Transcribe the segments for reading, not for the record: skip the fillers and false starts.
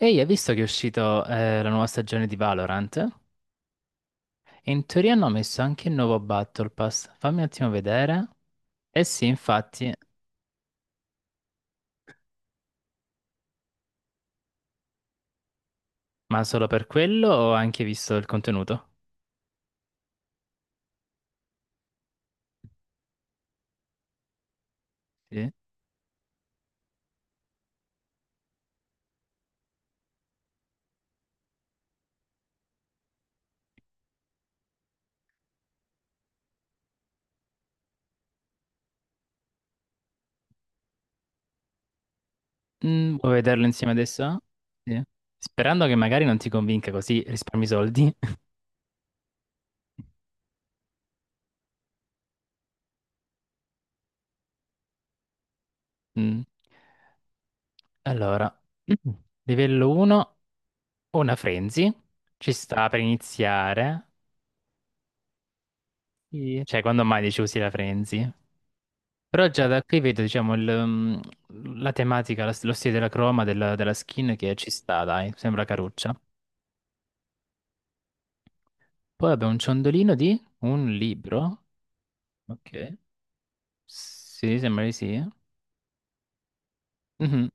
Ehi, hai visto che è uscito la nuova stagione di Valorant? E in teoria hanno messo anche il nuovo Battle Pass. Fammi un attimo vedere. Eh sì, infatti, ma solo per quello ho anche visto il contenuto. Sì. Vuoi vederlo insieme adesso? Sì. Sperando che magari non ti convinca così risparmi soldi. Mm. Allora, livello 1, una frenzy. Ci sta per iniziare. Sì. Cioè, quando mai dici usi la frenzy? Però già da qui vedo, diciamo, mm, la tematica, lo stile della croma, della skin che ci sta, dai, sembra caruccia. Poi abbiamo un ciondolino di un libro. Ok. Sì, sembra di sì. Mhm,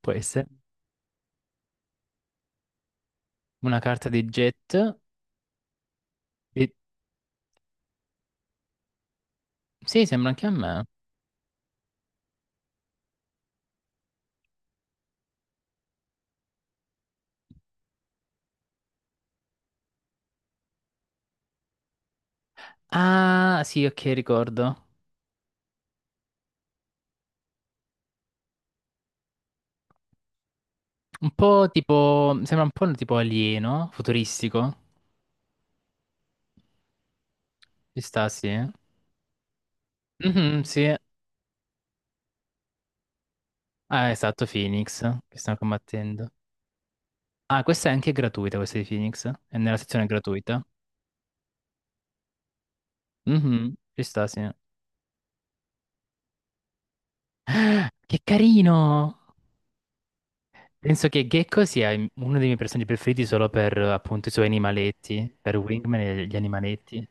può essere. Una carta di jet. E- Sì, sembra anche a me. Ah, sì, ok, ricordo. Un po' tipo, sembra un po' tipo alieno, futuristico. Ci sta, sì. Mhm, sì. Ah, esatto, Phoenix, che stanno combattendo. Ah, questa è anche gratuita, questa di Phoenix. È nella sezione gratuita. Mhm, ci sta, sì. Ah, che carino! Penso che Gecko sia uno dei miei personaggi preferiti solo per appunto i suoi animaletti, per Wingman e gli animaletti.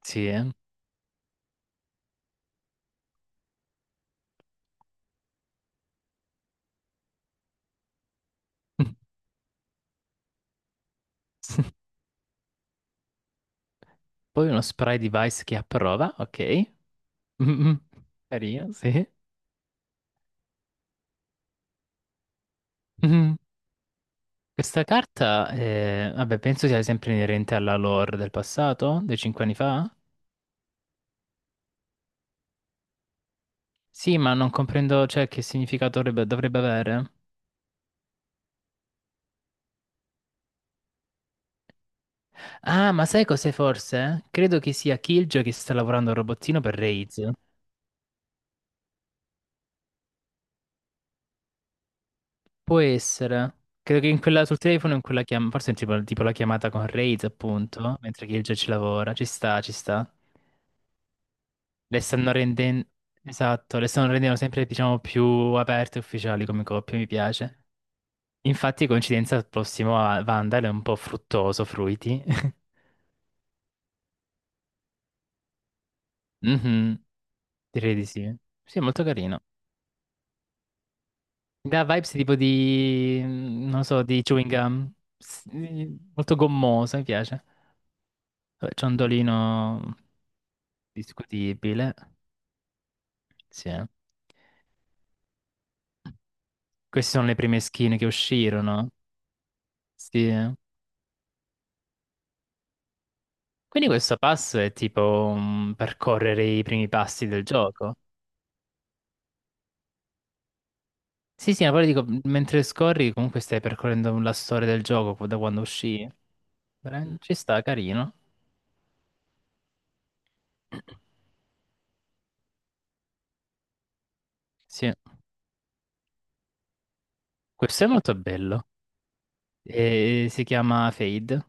Sì, eh. Poi uno spray device che approva, ok. Mhm, carino, sì. Mhm. Questa carta, vabbè, penso sia sempre inerente alla lore del passato, dei 5 anni fa. Sì, ma non comprendo, cioè, che significato dovrebbe, avere. Ah, ma sai cos'è forse? Credo che sia Killjoy che sta lavorando al robottino per Raze. Può essere. Credo che in quella, sul telefono, in quella forse è tipo la chiamata con Raze, appunto, mentre Killjoy ci lavora. Ci sta, ci sta. Le stanno rendendo... Esatto, le stanno rendendo sempre, diciamo, più aperte e ufficiali come coppia, mi piace. Infatti, coincidenza, il prossimo a Vandal è un po' fruttoso, fruiti. Mhm, direi di sì. Sì, è molto carino. Mi dà vibes tipo di, non so, di chewing gum. Molto gommoso, mi piace. Vabbè, ciondolino discutibile. Sì, eh. Queste sono le prime skin che uscirono. Sì, eh. Quindi questo passo è tipo percorrere i primi passi del gioco. Sì, sì, ma poi dico, mentre scorri comunque stai percorrendo la storia del gioco da quando uscì. Ci sta, carino. Sì. Questo è molto bello. E si chiama Fade.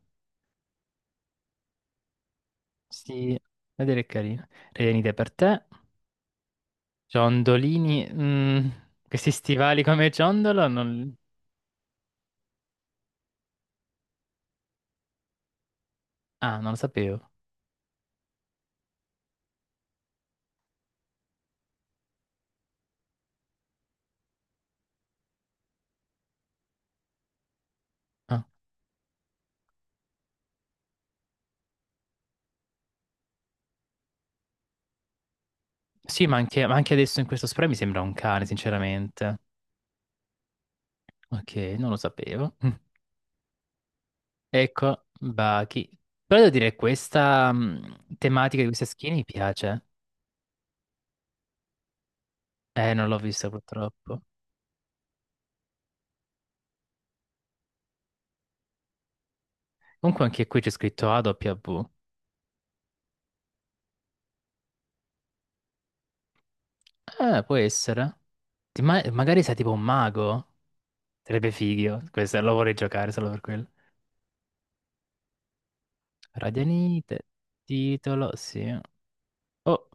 Sì, vedere è carino. Renite per te. Ciondolini. Questi stivali come ciondolo? Ah, non lo sapevo. Ah. Sì, ma anche adesso in questo spray mi sembra un cane, sinceramente. Ok, non lo sapevo. Mm. Ecco, Baki. Però devo dire, questa tematica di queste skin mi piace. Non l'ho vista purtroppo. Comunque anche qui c'è scritto AW. Può essere. Ti magari sei tipo un mago? Sarebbe figo, questo lo vorrei giocare solo per quello. Radianite, titolo, sì. Oh,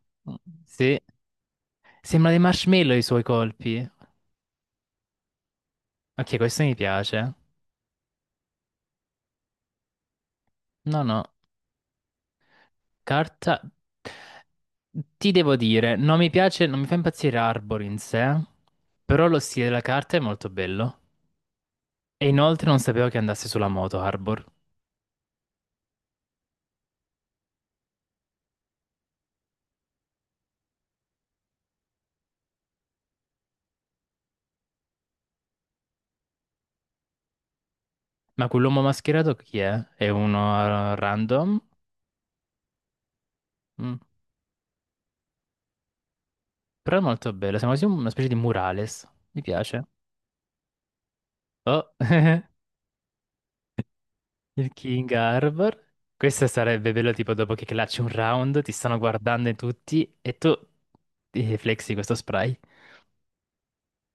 sì. Sembra dei marshmallow i suoi colpi. Ok, questo mi piace. No, no. Carta... Ti devo dire, non mi piace, non mi fa impazzire Arbor in sé, però lo stile della carta è molto bello. E inoltre non sapevo che andasse sulla moto Arbor. Ma quell'uomo mascherato chi è? È uno random? Mm. Però è molto bello, sembra quasi una specie di murales. Mi piace. Oh, il King Armor. Questo sarebbe bello tipo dopo che clasci un round, ti stanno guardando in tutti e tu ti flexi questo spray.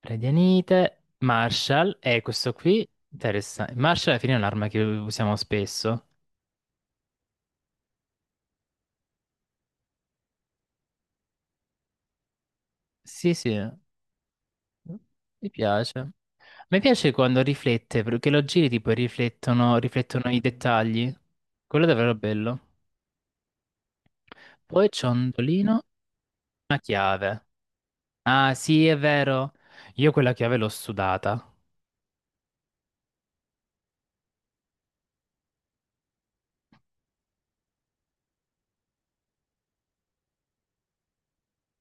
Radianite, Marshall e questo qui, interessante. Marshall alla fine è un'arma che usiamo spesso. Sì, sì, mi piace. Mi piace quando riflette, perché lo giri tipo e riflettono, riflettono i dettagli. Quello è davvero bello. Poi ciondolino, una chiave. Ah, sì, è vero. Io quella chiave l'ho sudata.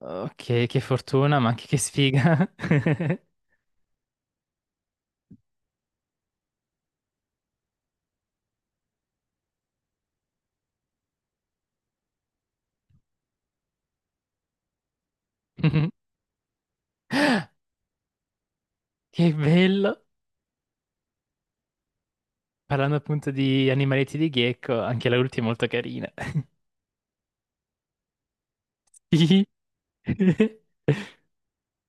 Ok, che fortuna, ma anche che sfiga. Mhm. Che bello. Parlando appunto di animaletti di Gecko, anche la ultima è molto carina. Sì.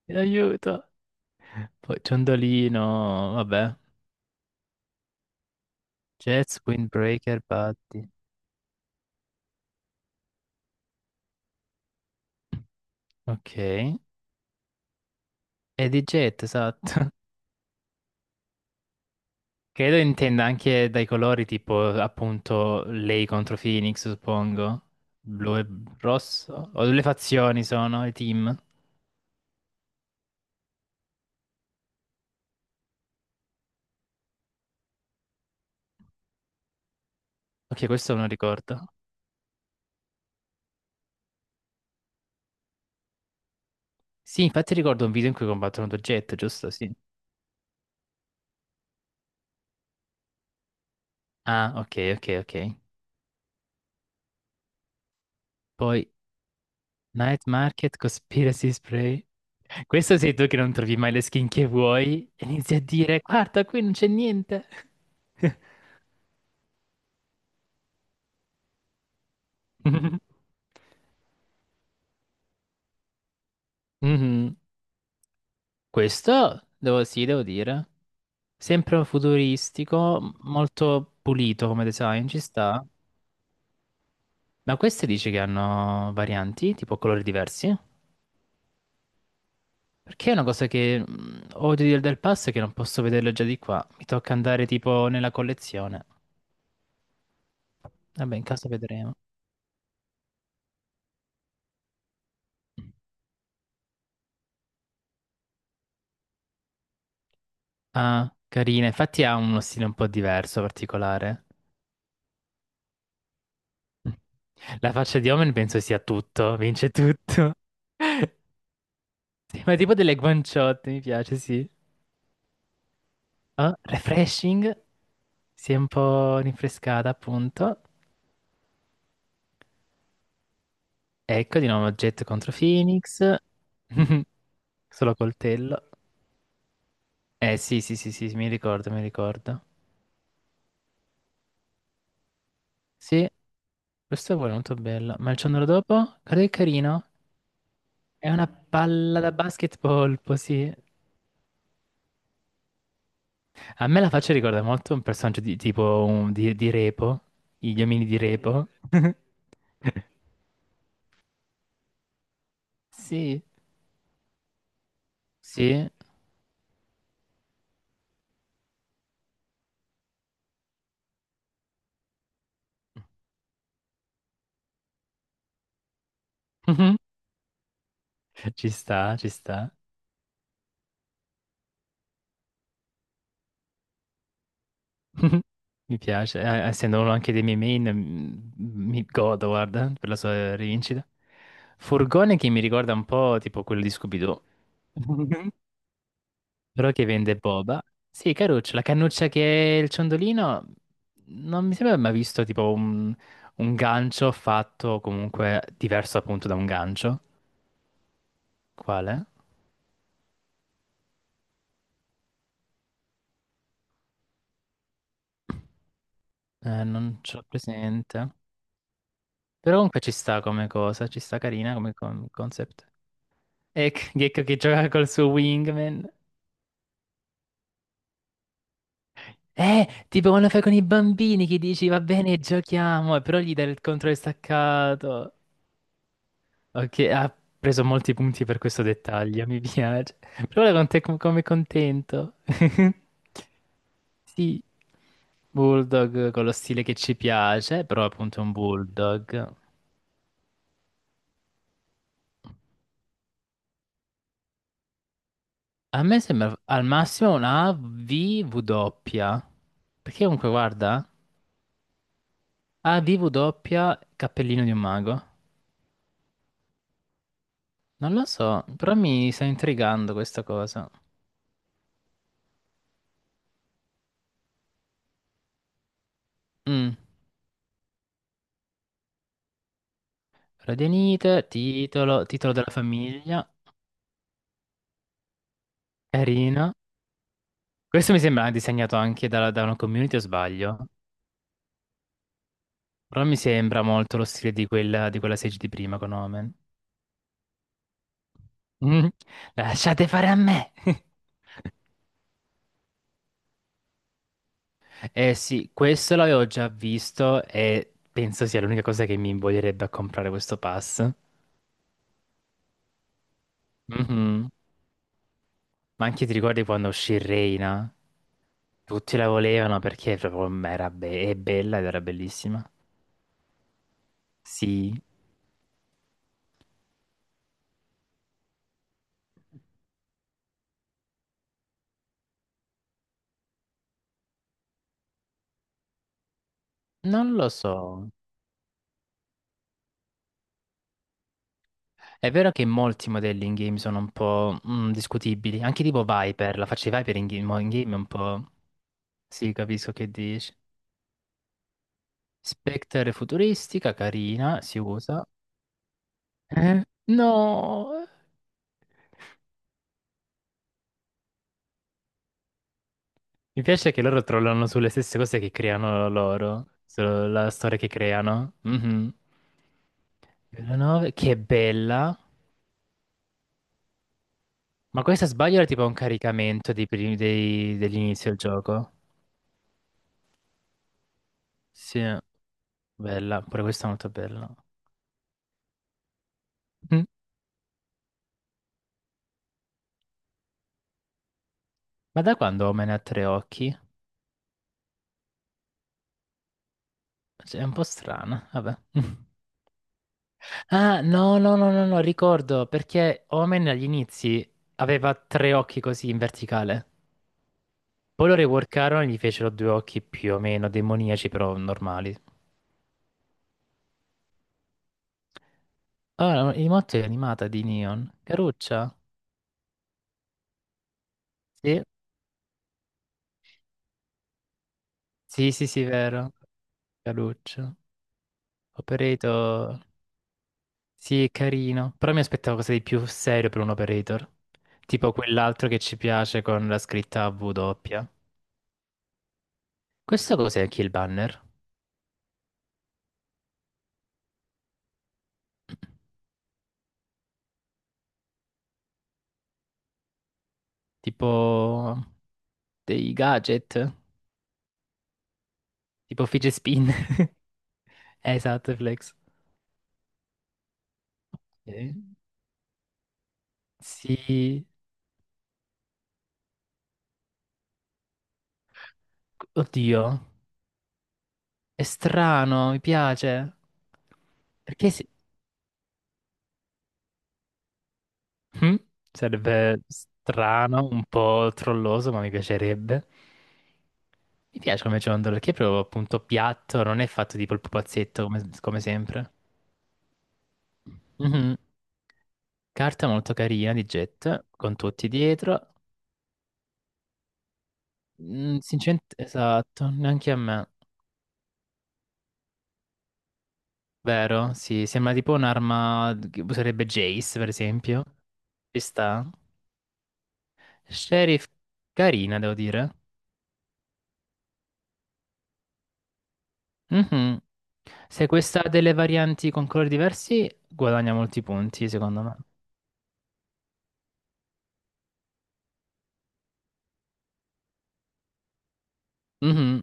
Aiuto. Poi ciondolino, vabbè. Jets, Windbreaker, Buddy. Ok. E di Jet, esatto. Credo intenda anche dai colori, tipo appunto lei contro Phoenix, suppongo. Blu e rosso. O le fazioni sono, i team. Ok, questo non ricordo. Sì, infatti ricordo un video in cui combattono due jet, giusto? Sì. Ah, ok, ok, ok. Poi Night Market, Conspiracy Spray. Questo sei tu che non trovi mai le skin che vuoi e inizi a dire, guarda, qui non c'è niente. Mhm. Questo devo, sì, devo dire. Sempre futuristico, molto pulito come design, ci sta. Ma queste dici che hanno varianti, tipo colori diversi? Perché è una cosa che odio del pass è che non posso vederlo già di qua. Mi tocca andare tipo nella collezione. Vabbè, in caso vedremo. Ah, carina. Infatti ha uno stile un po' diverso, particolare. La faccia di Omen penso sia tutto, vince tutto. Sì, ma tipo delle guanciotte, mi piace, sì. Ah, refreshing, si è un po' rinfrescata appunto. Ecco di nuovo oggetto contro Phoenix. Solo coltello. Eh sì, sì, sì, sì, sì, mi ricordo, mi ricordo. Sì, questo è pure molto bello. Ma il ciondolo dopo? Guarda che carino. È una palla da basketball, sì. A me la faccia ricorda molto un personaggio di tipo di, Repo, gli omini di Repo. Sì, sì. Mhm. Ci sta, ci sta. Mi piace, essendo uno anche dei miei main, mi godo, guarda, per la sua rivincita. Furgone che mi ricorda un po' tipo quello di Scooby-Doo, però che vende boba. Sì, caruccio, la cannuccia che è il ciondolino, non mi sembra mai visto tipo un gancio fatto comunque diverso appunto da un gancio. Quale? Non ce l'ho presente. Però comunque ci sta come cosa, ci sta carina come concept. Ecco, Gecko che gioca col suo wingman. Tipo quando fai con i bambini che dici va bene, giochiamo, e però gli dai il controllo staccato. Ok, ha preso molti punti per questo dettaglio, mi piace. Però ora con te come contento. Sì, Bulldog con lo stile che ci piace, però appunto è un Bulldog. A me sembra al massimo una VW. Perché comunque guarda. Ah, DV doppia, cappellino di un mago. Non lo so, però mi sta intrigando questa cosa. Mm. Radianite, titolo, titolo della famiglia, carina. Questo mi sembra disegnato anche da, una community o sbaglio? Però mi sembra molto lo stile di quella Sage di prima con Omen. Mm. Lasciate fare a me! Eh sì, questo l'avevo già visto e penso sia l'unica cosa che mi invoglierebbe a comprare questo pass. Mhm. Ma anche ti ricordi quando uscì Reina? Tutti la volevano perché proprio era è bella ed era bellissima. Sì, non lo so. È vero che molti modelli in game sono un po' discutibili, anche tipo Viper, la faccia di Viper in game, mo in game è un po'... Sì, capisco che dici. Spectre è futuristica, carina, si usa. Eh? No! Mi piace che loro trollano sulle stesse cose che creano loro, sulla storia che creano. Mhm. La 9, che bella. Ma questa sbaglio era tipo un caricamento dei dell'inizio del gioco. Sì, bella, pure questa è molto bella. Mm. Ma da quando Omen ha tre occhi? Cioè, è un po' strana, vabbè. Ah, no, no, no, no, no, ricordo, perché Omen agli inizi aveva tre occhi così in verticale. Poi lo reworkarono e gli fecero due occhi più o meno demoniaci, però normali. Allora, il motto è animata di Neon. Caruccia? Sì, sì, sì, sì, vero. Caruccio. Operator. Sì, è carino. Però mi aspettavo cosa di più serio per un operator. Tipo quell'altro che ci piace con la scritta W doppia. Questo cos'è anche il banner? Tipo dei gadget? Tipo fidget spin? Esatto, flex. Eh? Sì. Oddio. È strano, mi piace. Perché si- Mm? Sarebbe strano, un po' trolloso, ma mi piacerebbe. Mi piace come ciondolo, perché è proprio appunto piatto, non è fatto tipo il pupazzetto come sempre. Mhm. Carta molto carina di Jet, con tutti dietro. Sinceramente, esatto, neanche a me. Vero? Sì, sembra tipo un'arma che userebbe Jace, per esempio. Ci sta. Sheriff, carina, devo dire. Mhm. Se questa ha delle varianti con colori diversi, guadagna molti punti, secondo me. Mhm.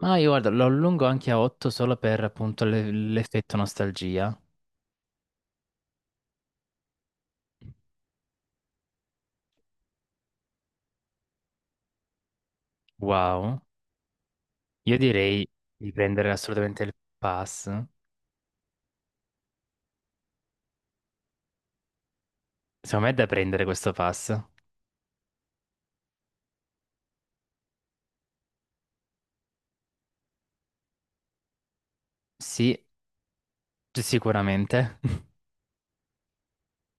Ma io guarda, lo allungo anche a 8 solo per appunto l'effetto nostalgia. Wow. Io direi di prendere assolutamente il pass. Secondo me è da prendere questo pass. Sì, sicuramente.